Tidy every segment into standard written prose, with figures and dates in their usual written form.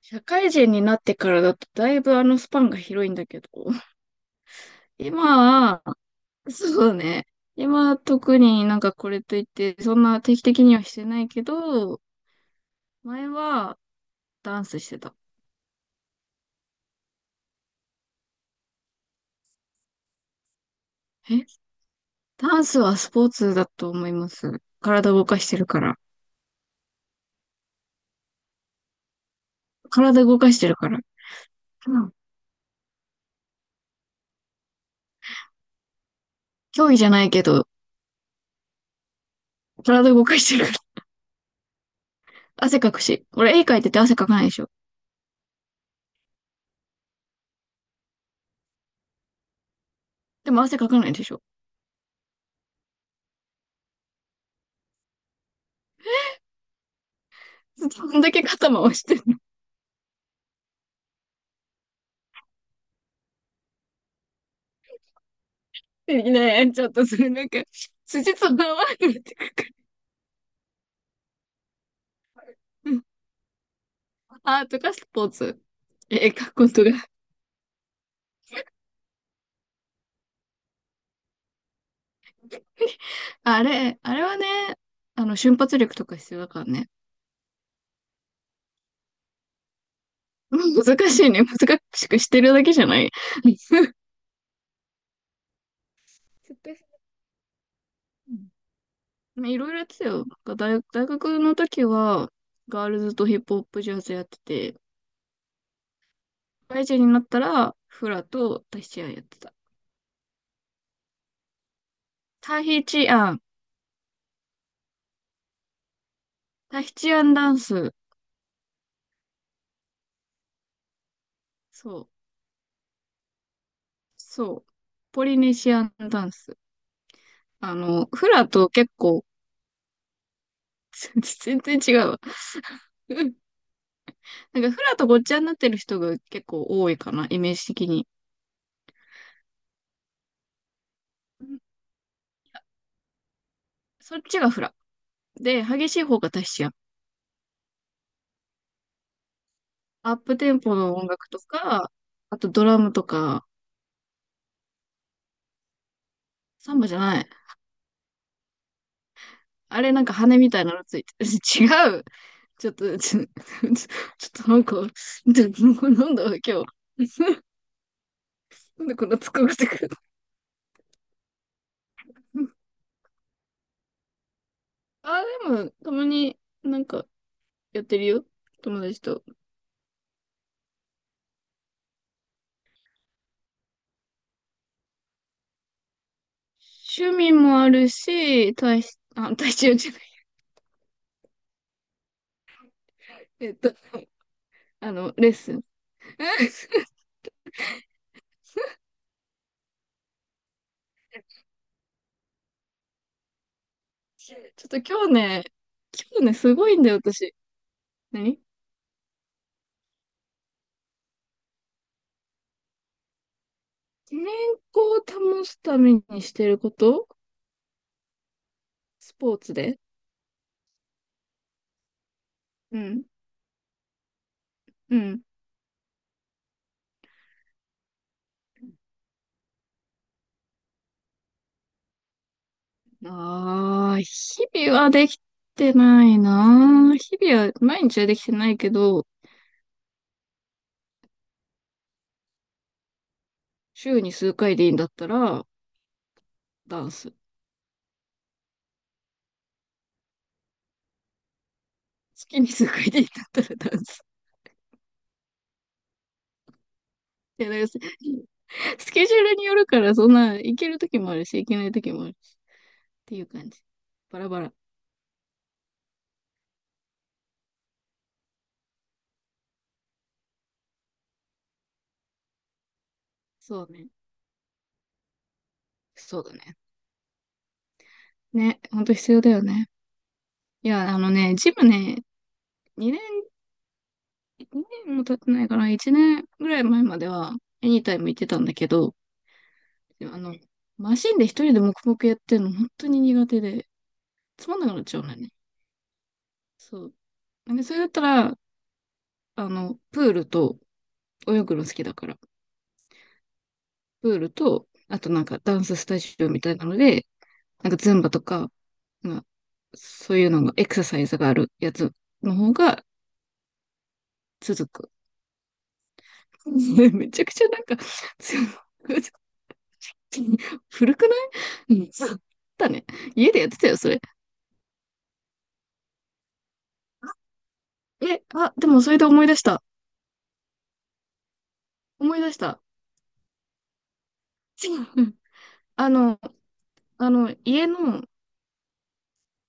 社会人になってからだとだいぶスパンが広いんだけど、今は、そうね。今は特になんかこれといって、そんな定期的にはしてないけど、前はダンスしてた。えダンスはスポーツだと思います。体動かしてるから。体動かしてるから。うん。競技じゃないけど、体動かしてるから。汗かくし。俺絵描いてて汗かかないでしょ。でも汗かかないでしょ。どんだけ肩回して。ねえ、ちょっとそれなんか、筋と合わなくなってくる。アートかスポーツ。え、書くことが。あれ、あれはね、瞬発力とか必要だからね。難しいね。難しくしてるだけじゃない。絶対。うん いろいろやってたよ。大学の時は、ガールズとヒップホップジャズやってて、社会人になったら、フラとタヒチアンやってた。タヒチアン。タヒチアンダンス。そう。そう。ポリネシアンダンス。フラと結構、全然違うわ。うんなんかフラとごっちゃになってる人が結構多いかな、イメージ的に。うんそっちがフラ。で、激しい方がタヒチアン。アップテンポの音楽とか、あとドラムとか、サンバじゃない。あれなんか羽みたいなのついてる。違う。ちょっと、ちょ、ちょっとなんか、なんだ、今日。なんでこんな疲れてくる。あ、でも、たまになんか、やってるよ。友達と。趣味もあるし、体し、あ、体重じゃない。えっと、レッスン。ちょっと今日ね、今日ね、すごいんだよ、私。何健康を保つためにしてること、スポーツで。うん。うん。ああ、日々はできてないな。日々は、毎日はできてないけど、週に数回でいいんだったら、ダンス。月に数回でいいんだったらダンス。いや、だからスケジュールによるから、そんな、行ける時もあるし、行けない時もあるし、っていう感じ。バラバラ。そうね。そうだね。ね、ほんと必要だよね。いや、あのね、ジムね、2年、2年も経ってないかな、1年ぐらい前までは、エニタイム行ってたんだけど、でもマシンで一人で黙々やってるの本当に苦手で、つまんなくなっちゃうのよね。そう。で、それだったら、プールと、泳ぐの好きだから、プールと、あとなんかダンススタジオみたいなので、なんかズンバとか、まあ、そういうのが、エクササイズがあるやつの方が続く。めちゃくちゃなんか、強く古くない。うん。だね。家でやってたよ、それ。え、あ、でもそれで思い出した。思い出した。あの、あの、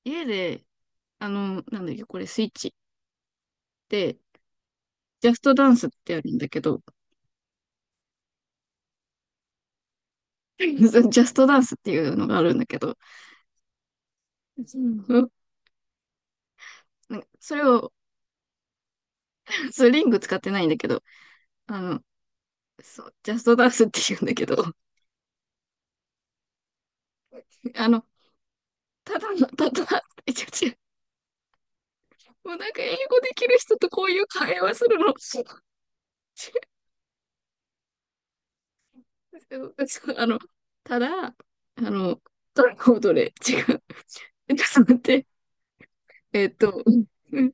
家で、あの、なんだっけ、これ、スイッチで、ジャストダンスってあるんだけど、ジャストダンスっていうのがあるんだけど、うんなんかそれを普通リング使ってないんだけど、あの、そう、ジャストダンスって言うんだけど、あの、ただ、違う、もうなんか英語できる人とこういう会話するの、違う。 あの、ただ、あの、どれコードれ違う、えちょっと待って、えっと、うん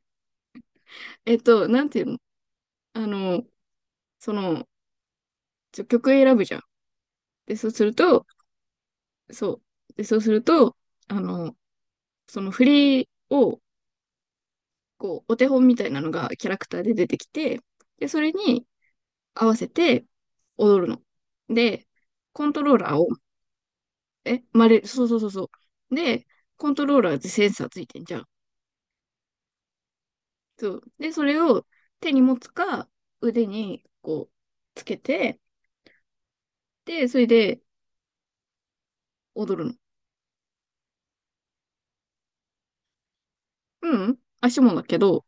えっと、なんていうの。あの、その、曲選ぶじゃん。で、そうすると、そう。で、そうすると、あの、その振りを、こう、お手本みたいなのがキャラクターで出てきて、で、それに合わせて踊るの。で、コントローラーを、え、まれ、そうそうそうそう。で、コントローラーってセンサーついてんじゃん。そう。で、それを手に持つか、腕にこう、つけて、で、それで踊るの。うん、足もだけど、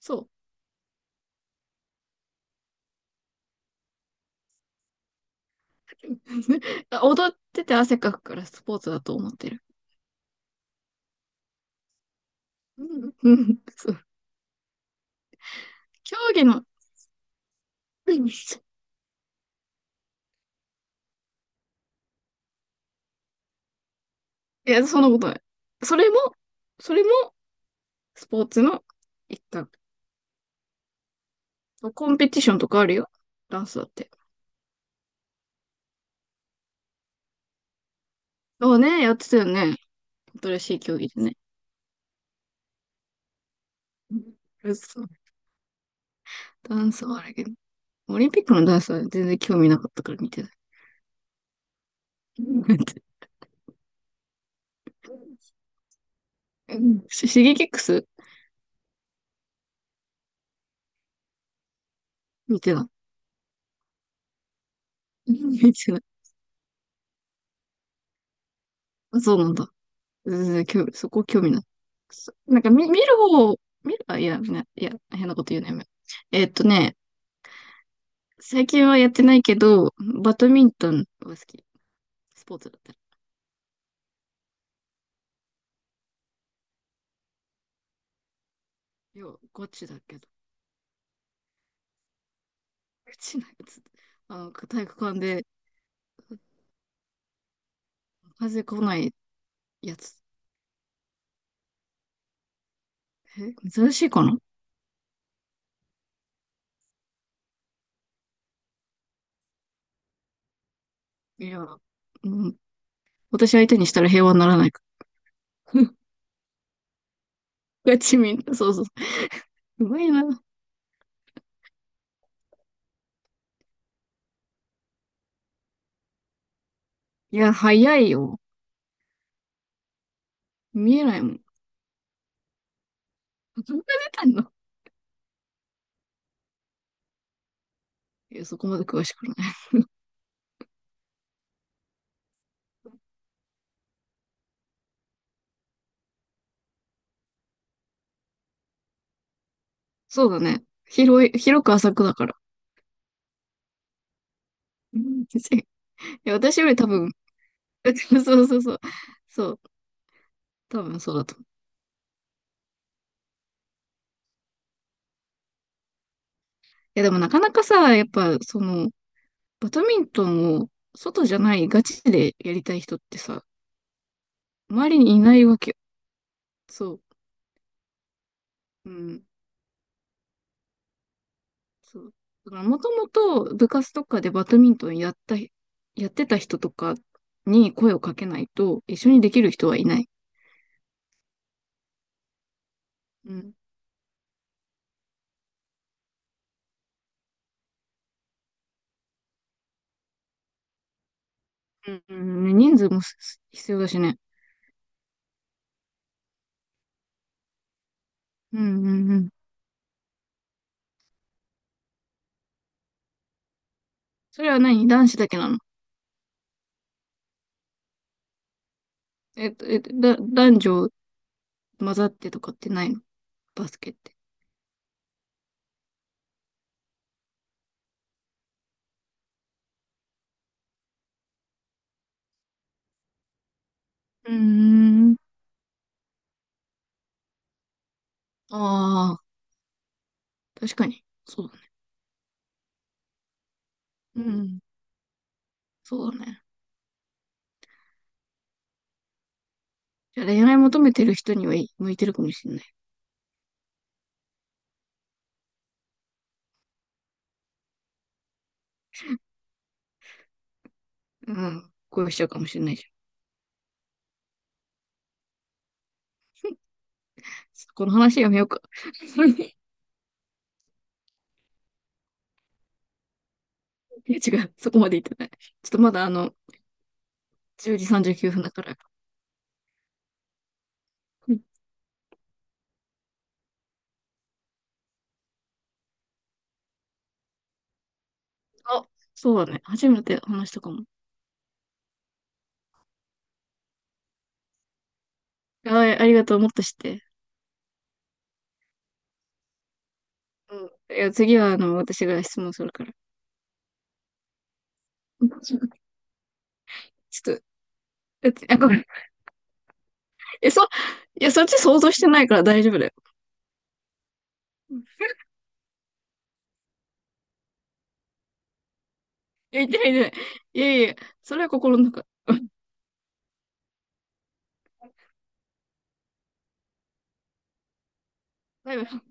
そう。踊ってて汗かくからスポーツだと思ってる。うん、うん、そう。競技の、うんいや、そんなことない。それも、それも、スポーツの一環。コンペティションとかあるよ。ダンスだって。ああね、やってたよね。新しい競技でね。うそう。ダンスはあれけど。オリンピックのダンスは全然興味なかったから見てない。うん うん。シゲキックス見てない。うん見てない。あ、そうなんだ。全然興味、そこ興味ない。なんか見る方、見る、あ、いや、ね、いや、変なこと言うね。やめよう。えっとね、最近はやってないけど、バドミントンは好き。スポーツだったら。いや、ガチだけど。ガチなやつ。あの、体育館で風来ないやつ。え、珍しいかな。いや、うん。私相手にしたら平和にならないから。ガチみんな、そうそう。うまいな。いや、早いよ。見えないもん。どんな出たの。いや、そこまで詳しくない。そうだね。広く浅くだから。うん いや、私より多分、そうそうそう。そう、多分そうだと思う。でもなかなかさ、やっぱ、その、バドミントンを外じゃないガチでやりたい人ってさ、周りにいないわけよ。そう。うん。そう。だからもともと部活とかでバドミントンやってた人とかに声をかけないと一緒にできる人はいない。うん。うんうんうん、人数もす必要だしね。うんうんうん。それは何、男子だけなの。男女混ざってとかってないの、バスケって。うーん。ああ。確かに。そうだね。うん。そうだね。じゃあ恋愛求めてる人にはい向いてるかもしれない。うん。恋しちゃうかもしれないじゃん。この話やめようか。いや違う。そこまで言ってない。ちょっとまだあの、10時39分だから。うんあ、そうだね。初めて話したかも。あ、ありがとう。もっとして。うん。いや、次はあの、私が質問するから。うんちょっと、だって、あ、ごめん。え、そ、いや、そっち想像してないから大丈夫だよ。うんいや、言ってない、言ってない。いやいや、それは心の中。バイバイ。